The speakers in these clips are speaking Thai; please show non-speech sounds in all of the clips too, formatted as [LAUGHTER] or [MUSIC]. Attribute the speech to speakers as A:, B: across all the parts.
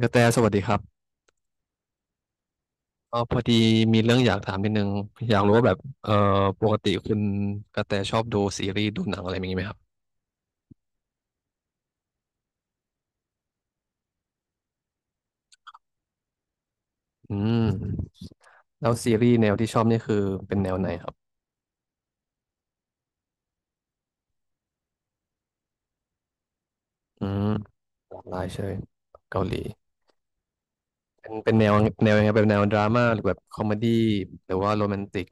A: กระแตสวัสดีครับพอดีมีเรื่องอยากถามนิดนึงอยากรู้ว่าแบบปกติคุณกระแตชอบดูซีรีส์ดูหนังอะไรอย่างนี้ไหมครับอืมแล้วซีรีส์แนวที่ชอบนี่คือเป็นแนวไหนครับอืมหลากหลายใช่ไหมเกาหลีเป็นแนวแนวยังไงเป็นแนวดราม่าหรือแบบคอมเมดี้หรือว่าโรแมนติก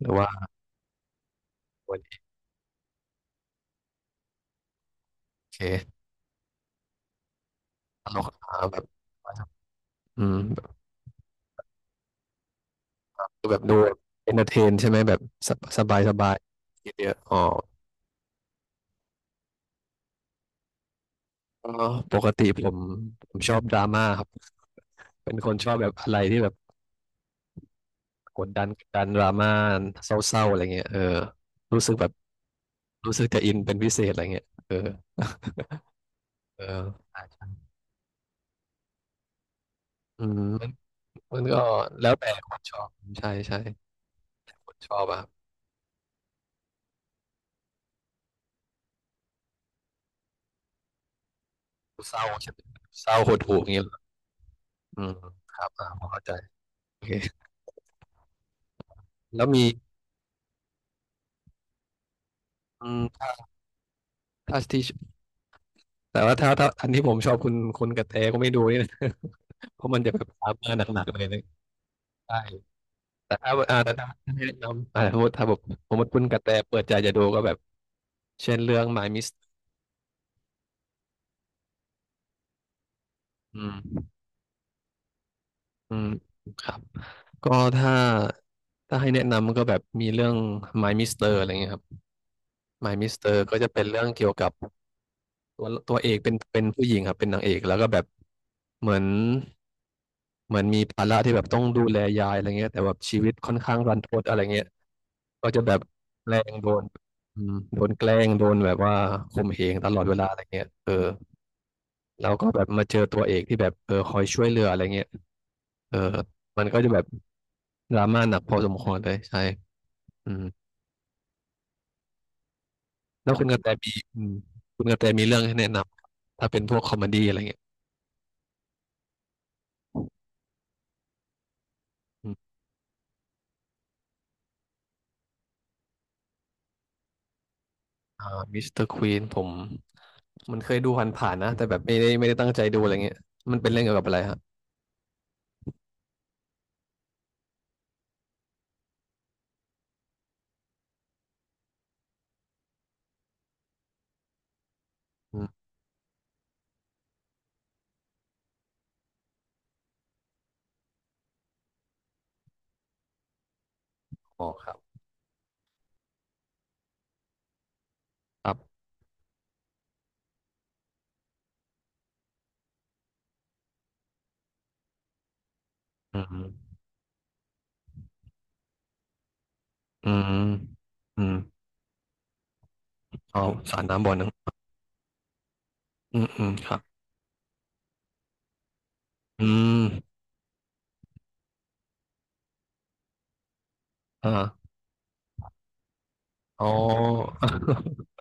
A: หรือว่าโอเคตลกหาแบบแบบดูแบบดูเอนเตอร์เทนใช่ไหมแบบสบายสบายเยอะๆอ๋อเอ่อปกติผมผมชอบดราม่าครับ เป็นคนชอบแบบอะไรที่แบบกดดันดราม่าเศร้าๆอะไรเงี้ยรู้สึกแบบรู้สึกจะอินเป็นพิเศษอะไรเงี้ยเออมันมันก็แล้วแต่คนชอบใช่ใช่คนชอบอะเศร้าใช่ไหมเศร้าหดหู่อย่างเงี้ยเหรออืมครับพอเข้าใจโอเคแล้วมีถ้าถ้าที่แต่ว่าถ้าอันที่ผมชอบคุณกระแตก็ไม่ดูนี่นะ [LAUGHS] เพราะมันจะแบบดราม่าหนักๆเลยนะใช่ แต่ถ้าแต่ถ้าให้แนะนำสมมติถ้าแบบสมมติคุณกระแตเปิดใจจะดูก็แบบเช่นเรื่อง My Miss อืมอืมครับก็ถ้าถ้าให้แนะนำก็แบบมีเรื่อง My Mister อะไรเงี้ยครับ My Mister ก็จะเป็นเรื่องเกี่ยวกับตัวเอกเป็นผู้หญิงครับเป็นนางเอกแล้วก็แบบเหมือนเหมือนมีภาระที่แบบต้องดูแลยายอะไรเงี้ยแต่แบบชีวิตค่อนข้างรันทดอะไรเงี้ยก็จะแบบแกล้งโดนโดนแกล้งโดนแบบว่าข่มเหงตลอดเวลาอะไรเงี้ยเออ แล้วก็แบบมาเจอตัวเอกที่แบบคอยช่วยเหลืออะไรเงี้ยเออมันก็จะแบบดราม่าหนักพอสมควรเลยใช่อืมแล้วคุณกระแตมีคุณกระแตมีเรื่องให้แนะนำถ้าเป็นพวกคอมเมดี้อะไรเงี้ยอืมอ่ามิสเตอร์ควีนผมมันเคยดูผ่านๆนะแต่แบบไม่ได้ตั้งใจดูอะไรเงี้ยมันเป็นเรื่องเกี่ยวกับอะไรฮะอืมอ๋อครับครับอืมอืมอืมเอาสารน้ำบ่อนึงอืมอืมครับอืมอ่าอ๋อ [LAUGHS]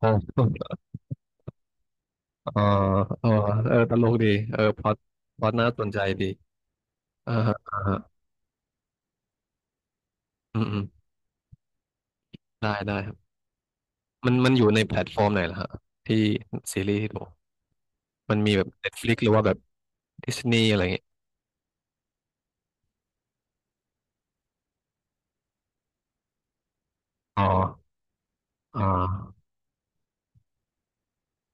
A: อ๋อ อ๋อเออเออตลกดีเออพอดน่าสนใจดีอ่าฮะอ่าฮะอืมอืมได้ได้ครับมันมันอยู่ในแพลตฟอร์มไหนล่ะฮะที่ซีรีส์ที่ดูมันมีแบบ Netflix หรือว่าแบบ Disney อะไรอย่างเงี้ยอ๋ออ่า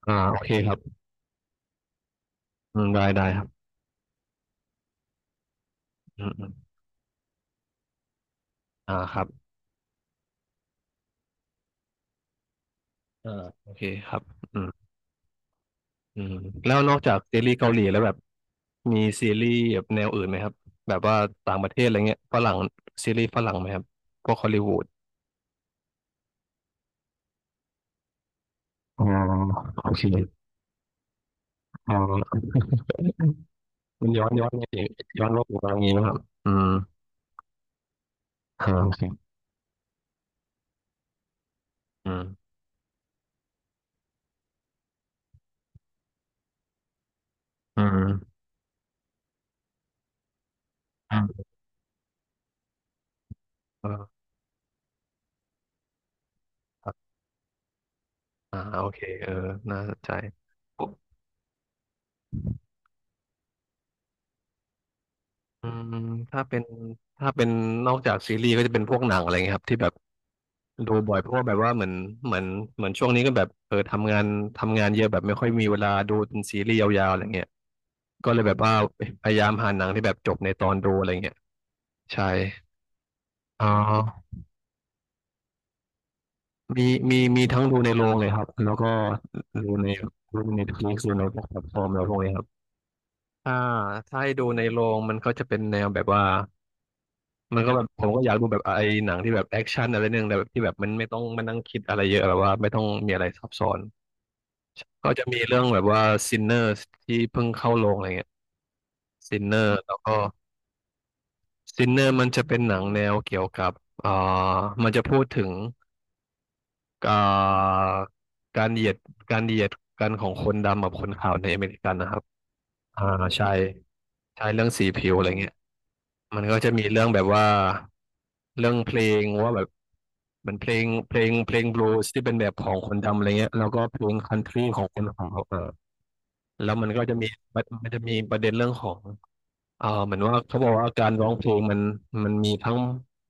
A: อ่าโอเคครับอืมได้ได้ครับอืมอืมครับอ่าโอเคครับอืมอืมแล้วนอกจากซีรีส์เกาหลีแล้วแบบมีซีรีส์แบบแนวอื่นไหมครับแบบว่าต่างประเทศอะไรเงี้ยฝรั่งซีรีส์ฝรั่งไหมครับพวกฮอลลีวูดอ๋อโอเค อ๋อ [LAUGHS] มันย้อนไงย้อนโลกขอาอย่างนี้นะครับอืมโอเคอืมอืมอืมเออครับโอเคเออน่าสนใจปุ๊บอืมถ้าเป็นถ้าเป็นนอกจากซีรีส์ก็จะเป็นพวกหนังอะไรเงี้ยครับที่แบบดูบ่อยเพราะว่าแบบว่าเหมือนเหมือนเหมือนช่วงนี้ก็แบบทำงานทำงานเยอะแบบไม่ค่อยมีเวลาดูเป็นซีรีส์ยาวๆอะไรเงี้ยก็เลยแบบว่าพยายามหาหนังที่แบบจบในตอนดูอะไรเงี้ยใช่อ๋อ มีมีทั้งดูในโรงเลยครับแล้วก็ดูในดูในทลิดูในแพลตฟอร์มอะไรพวกนี้ครับอ่าถ้าให้ดูในโรงมันก็จะเป็นแนวแบบว่ามันก็แบบผมก็อยากดูแบบไอ้หนังที่แบบแอคชั่นอะไรนึงแต่แบบที่แบบมันไม่ต้องมานั่งคิดอะไรเยอะแบบว่าไม่ต้องมีอะไรซับซ้อนก็จะมีเรื่องแบบว่า Sinners ที่เพิ่งเข้าโรงอะไรเงี้ย Sinner แล้วก็ Sinner มันจะเป็นหนังแนวเกี่ยวกับอ่ามันจะพูดถึง อ่าการเหยียดการเหยียดกันของคนดำกับคนขาวในอเมริกันนะครับอ่าใช่ใช่เรื่องสีผิวอะไรเงี้ยมันก็จะมีเรื่องแบบว่าเรื่องเพลงว่าแบบมันเพลงบลูส์ที่เป็นแบบของคนดำอะไรเงี้ยแล้วก็เพลงคันทรีของคนขาวเออแล้วมันก็จะมีมันจะมีประเด็นเรื่องของ เออเหมือนว่าเขาบอกว่าการร้องเพลงมันมีทั้ง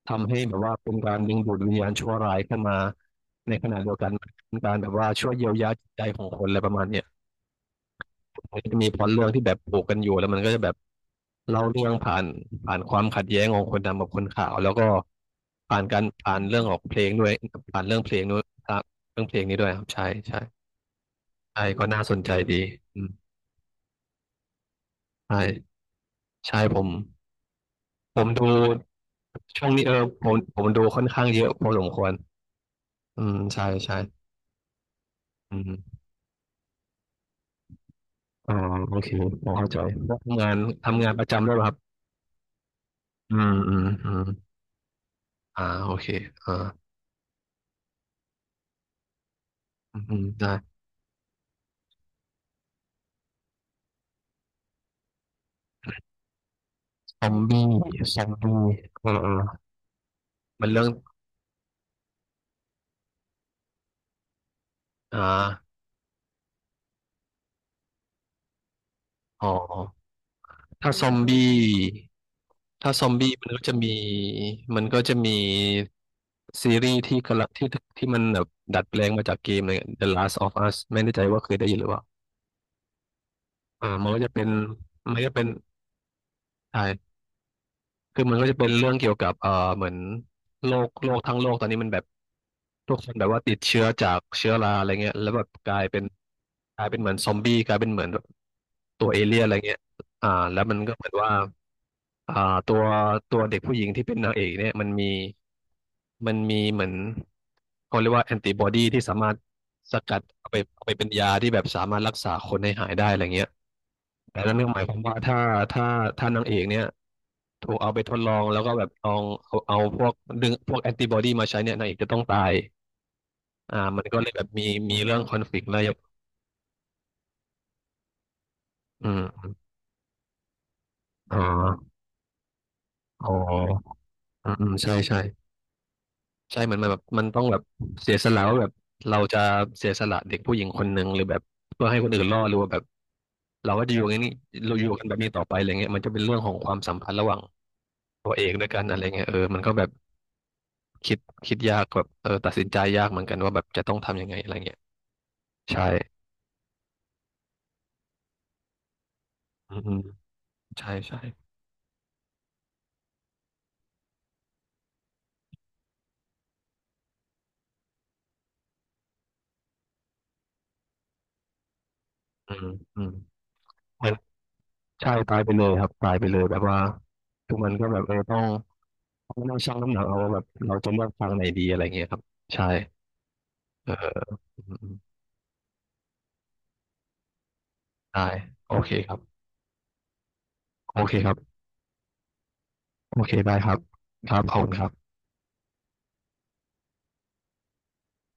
A: ทำให้แบบว่าเป็นการดึงดูดวิญญาณชั่วร้ายเข้ามาในขณะเดียวกันมันเป็นการแบบว่าช่วยเยียวยาจิตใจของคนอะไรประมาณเนี้ยมันก็จะมีพล็อตเรื่องที่แบบผูกกันอยู่แล้วมันก็จะแบบเล่าเรื่องผ่านความขัดแย้งของคนดำกับคนขาวแล้วก็ผ่านการผ่านเรื่องของเพลงด้วยผ่านเรื่องเพลงด้วยครับเรื่องเพลงนี้ด้วยครับใช่ใช่ใช่ก็น่าสนใจดีอืมใช่ใช่ผมดูช่วงนี้เออผมดูค่อนข้างเยอะพอสมควรอืมใช่ใช่อืมอ๋อโอเคพอเข้าใจแล้วทำงานทำงานประจำด้วยป่ะครับอืมอืมอืมโอเคอ่าอืมอืมได้ซอมบี้ซอมบี้อ่าอ่ามันเรื่องอ่าอ๋อถ้าซอมบี้ถ้าซอมบี้มันก็จะมีมันก็จะมีซีรีส์ที่กำลังที่มันแบบดัดแปลงมาจากเกมเลย The Last of Us ไม่แน่ใจว่าเคยได้ยินหรือเปล่า อ่ามันก็จะเป็นมันก็เป็นใช่คือมันก็จะเป็นเรื่องเกี่ยวกับเหมือนโรคทั้งโลกตอนนี้มันแบบทุกคนแบบว่าติดเชื้อจากเชื้อราอะไรเงี้ยแล้วแบบกลายเป็นเหมือนซอมบี้กลายเป็นเหมือนแบบตัวเอเลี่ยนอะไรเงี้ยอ่าแล้วมันก็เหมือนว่าอ่าตัวตัวเด็กผู้หญิงที่เป็นนางเอกเนี่ยมันมีมันมีเหมือนเขาเรียกว่าแอนติบอดีที่สามารถสกัดเอาไปเป็นยาที่แบบสามารถรักษาคนให้หายได้อะไรเงี้ยแต่นั่นก็หมายความว่าถ้าถ้านางเอกเนี่ย ถูกเอาไปทดลองแล้วก็แบบลองเอาพวกดึงพวกแอนติบอดีมาใช้เนี่ยนางเอกจะต้องตายอ่ามันก็เลยแบบมีมีเรื่องคอนฟ lict แล้วอย่างอืมอ๋ออ๋ออืมอืมใช่ใช่ใช่เหมือนมันแบบมันต้องแบบเสียสละว่าแบบเราจะเสียสละเด็กผู้หญิงคนหนึ่งหรือแบบเพื่อให้คนอื่นรอดหรือว่าแบบเราก็จะอยู่อย่างนี้เราอยู่กันแบบนี้ต่อไปอะไรเงี้ยมันจะเป็นเรื่องของความสัมพันธ์ระหว่างตัวเอกด้วยกันอะไรเงี้ยเออมันก็แบบคิดคิดยากแบบเออตัดสินใจยากเหมือนกันว่าแบบจะต้องทำยังไงอะไรเงี้ยใช่อืมอืมใช่ใช่ อืมอืมเหมันใช่ตายไปเลยครับตายไปเลยแบบว่าทุกมันก็แบบเออต้องนั่งชั่งน้ำหนักเอาว่าแบบเราจะเลือกฟังไหนดีอะไรเงี้ยครับใช่เอออืมอืมได้โอเคครับโอเคครับโอเคได้ครับครับขอบคุณครับ